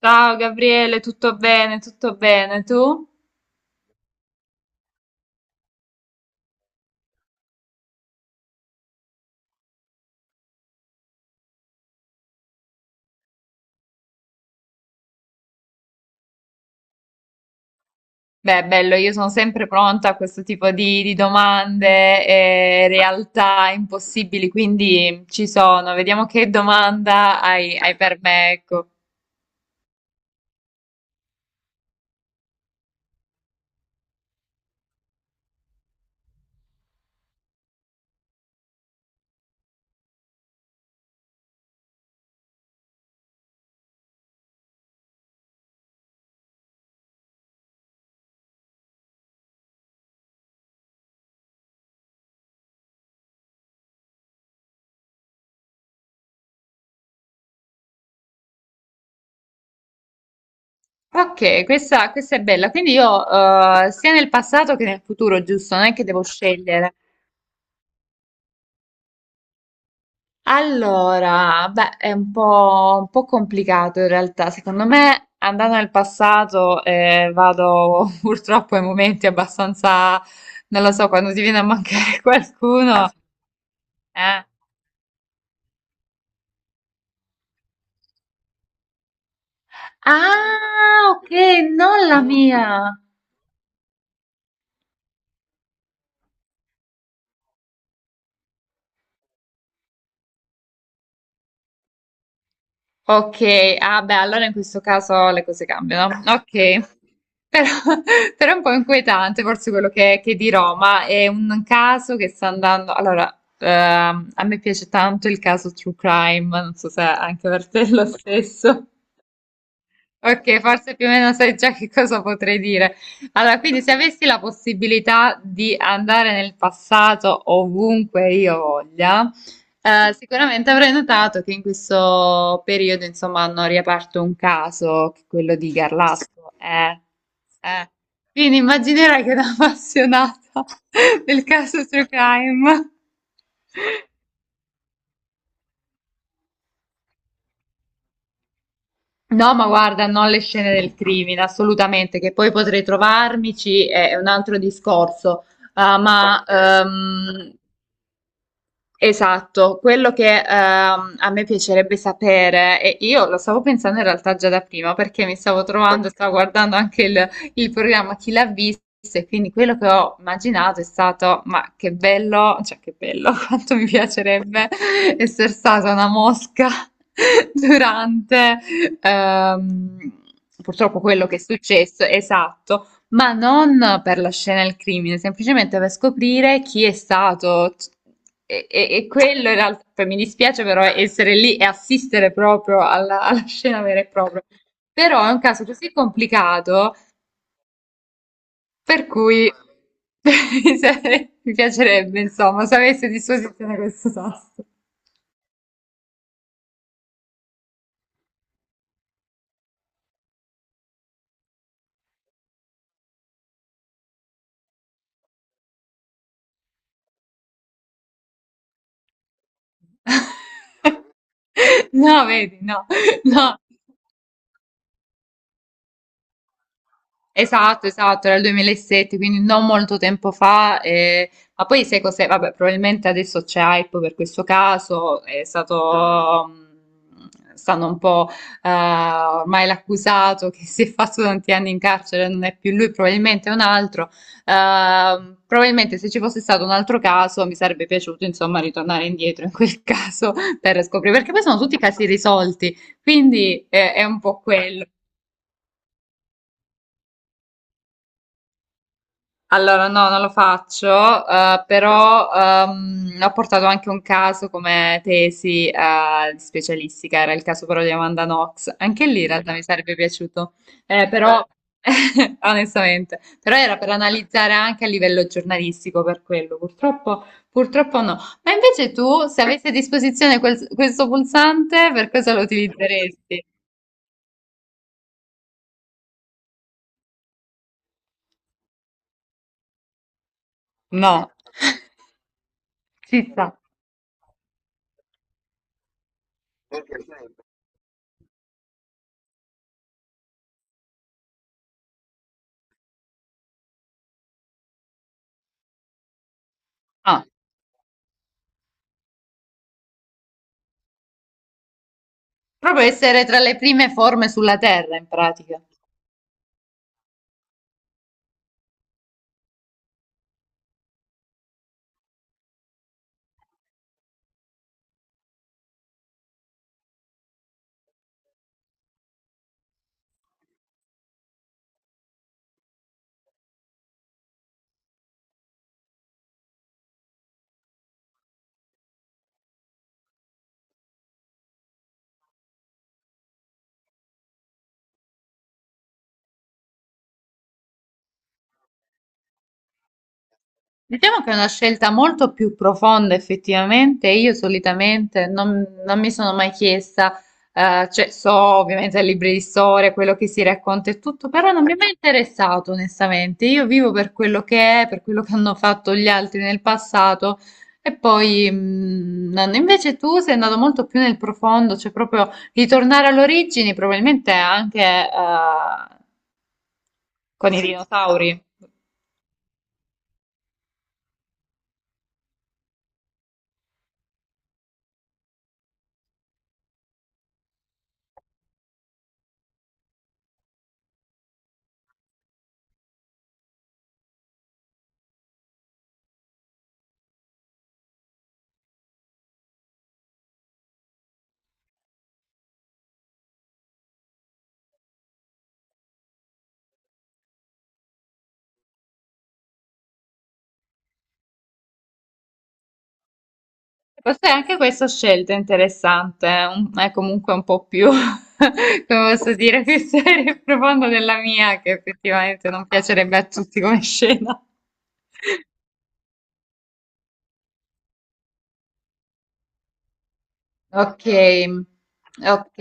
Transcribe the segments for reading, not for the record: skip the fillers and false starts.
Ciao Gabriele, tutto bene? Tutto bene, tu? Beh, bello, io sono sempre pronta a questo tipo di domande e realtà impossibili, quindi ci sono. Vediamo che domanda hai per me, ecco. Ok, questa è bella. Quindi io, sia nel passato che nel futuro, giusto? Non è che devo scegliere. Allora, beh, è un po' complicato in realtà. Secondo me, andando nel passato, vado purtroppo ai momenti abbastanza, non lo so, quando ti viene a mancare qualcuno. Eh. Ah, ok, non la mia. Ok, ah beh, allora in questo caso le cose cambiano. Ok, però, però è un po' inquietante forse quello che dirò, ma è un caso che sta andando. Allora, a me piace tanto il caso True Crime, non so se anche per te è lo stesso. Ok, forse più o meno sai già che cosa potrei dire. Allora, quindi se avessi la possibilità di andare nel passato ovunque io voglia, sicuramente avrei notato che in questo periodo, insomma, hanno riaperto un caso, che è quello di Garlasco. Eh. Quindi immaginerai che da appassionata del caso True Crime. No, ma guarda, non le scene del crimine, assolutamente, che poi potrei trovarmici, è un altro discorso. Ah, ma ok. Esatto, quello che a me piacerebbe sapere, e io lo stavo pensando in realtà già da prima perché mi stavo trovando, stavo guardando anche il programma Chi l'ha visto e quindi quello che ho immaginato è stato, ma che bello, cioè che bello, quanto mi piacerebbe essere stata una mosca durante ehm, purtroppo quello che è successo, esatto. Ma non per la scena del crimine, semplicemente per scoprire chi è stato. E quello in realtà, poi mi dispiace però essere lì e assistere proprio alla scena vera e propria. Però è un caso così complicato per cui mi piacerebbe, insomma, se avessi a disposizione questo tasto. No, vedi, no, no. Esatto, esatto, era il 2007, quindi non molto tempo fa. Eh, ma poi sai cos'è? Vabbè, probabilmente adesso c'è hype per questo caso, è stato, stanno un po', ormai l'accusato che si è fatto tanti anni in carcere, non è più lui, probabilmente è un altro. Probabilmente se ci fosse stato un altro caso mi sarebbe piaciuto, insomma, ritornare indietro in quel caso per scoprire, perché poi sono tutti casi risolti, quindi è un po' quello. Allora, no, non lo faccio, però ho portato anche un caso come tesi di specialistica, era il caso però di Amanda Knox. Anche lì in realtà mi sarebbe piaciuto. Però onestamente, però era per analizzare anche a livello giornalistico per quello, purtroppo, purtroppo no. Ma invece tu, se avessi a disposizione questo pulsante, per cosa lo utilizzeresti? No, ci sta. Ah, proprio essere tra le prime forme sulla Terra, in pratica. Diciamo che è una scelta molto più profonda effettivamente, io solitamente non mi sono mai chiesta, cioè so ovviamente ai libri di storia, quello che si racconta e tutto, però non mi è mai interessato onestamente, io vivo per quello che è, per quello che hanno fatto gli altri nel passato e poi invece tu sei andato molto più nel profondo, cioè proprio ritornare alle origini, probabilmente anche con i dinosauri. Forse anche questa scelta è interessante, è comunque un po' più, come posso dire, più seria e profonda della mia, che effettivamente non piacerebbe a tutti come scena. Ok, ok.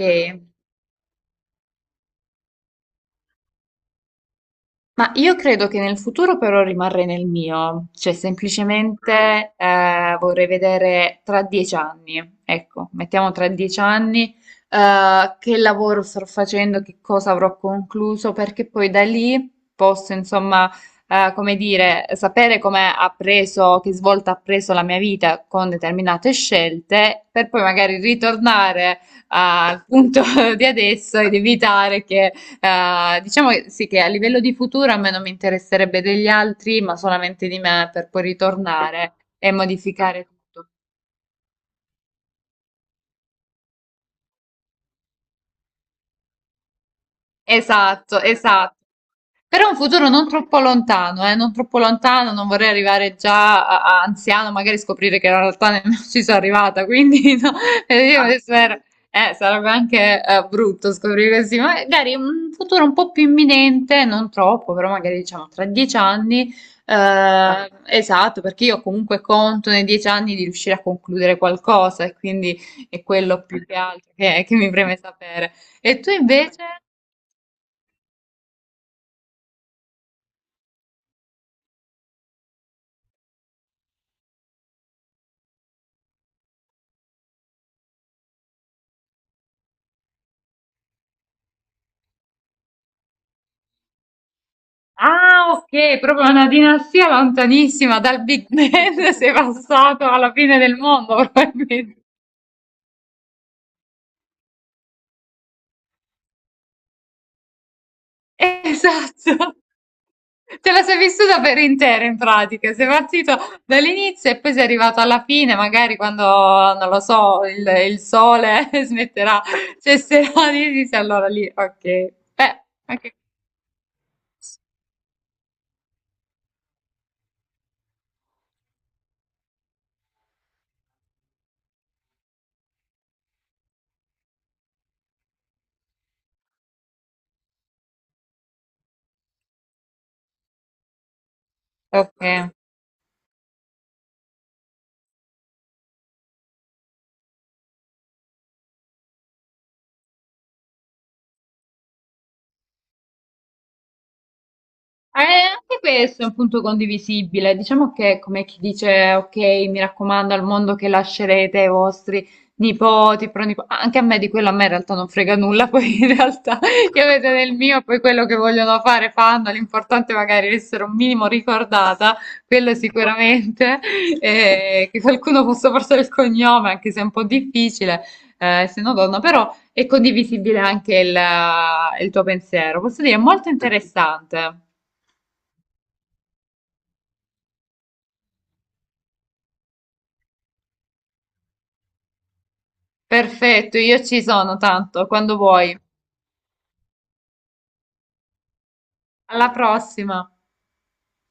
Ma io credo che nel futuro però rimarrei nel mio, cioè semplicemente vorrei vedere tra 10 anni, ecco, mettiamo tra 10 anni che lavoro starò facendo, che cosa avrò concluso, perché poi da lì posso insomma, come dire, sapere come ha preso, che svolta ha preso la mia vita con determinate scelte, per poi magari ritornare al punto di adesso ed evitare che diciamo sì che a livello di futuro a me non mi interesserebbe degli altri, ma solamente di me per poi ritornare e modificare tutto. Esatto, esatto. Però è un futuro non troppo lontano, non troppo lontano, non vorrei arrivare già a anziano, magari scoprire che in realtà nemmeno ci sono arrivata, quindi no, eh, io mi spero- sarebbe anche brutto scoprire così, ma magari un futuro un po' più imminente, non troppo, però magari diciamo tra 10 anni, esatto, perché io comunque conto nei 10 anni di riuscire a concludere qualcosa e quindi è quello più che altro che mi preme sapere. E tu invece? Ah, ok, proprio una dinastia lontanissima dal Big Bang sei passato alla fine del mondo, probabilmente. Esatto. Te la sei vissuta per intera in pratica, sei partito dall'inizio e poi sei arrivato alla fine, magari quando, non lo so, il sole smetterà, cesserà di esistere, allora lì, ok. Beh, anche- ok. Anche questo è un punto condivisibile. Diciamo che, è come chi dice, ok, mi raccomando al mondo che lascerete ai vostri nipoti, pronipoti. Ah, anche a me di quello, a me in realtà non frega nulla, poi in realtà io vedo nel mio, poi quello che vogliono fare fanno, l'importante è magari essere un minimo ricordata, quello sicuramente, che qualcuno possa portare il cognome, anche se è un po' difficile, se no donna, però è condivisibile anche il tuo pensiero. Posso dire, è molto interessante. Perfetto, io ci sono tanto, quando vuoi. Alla prossima!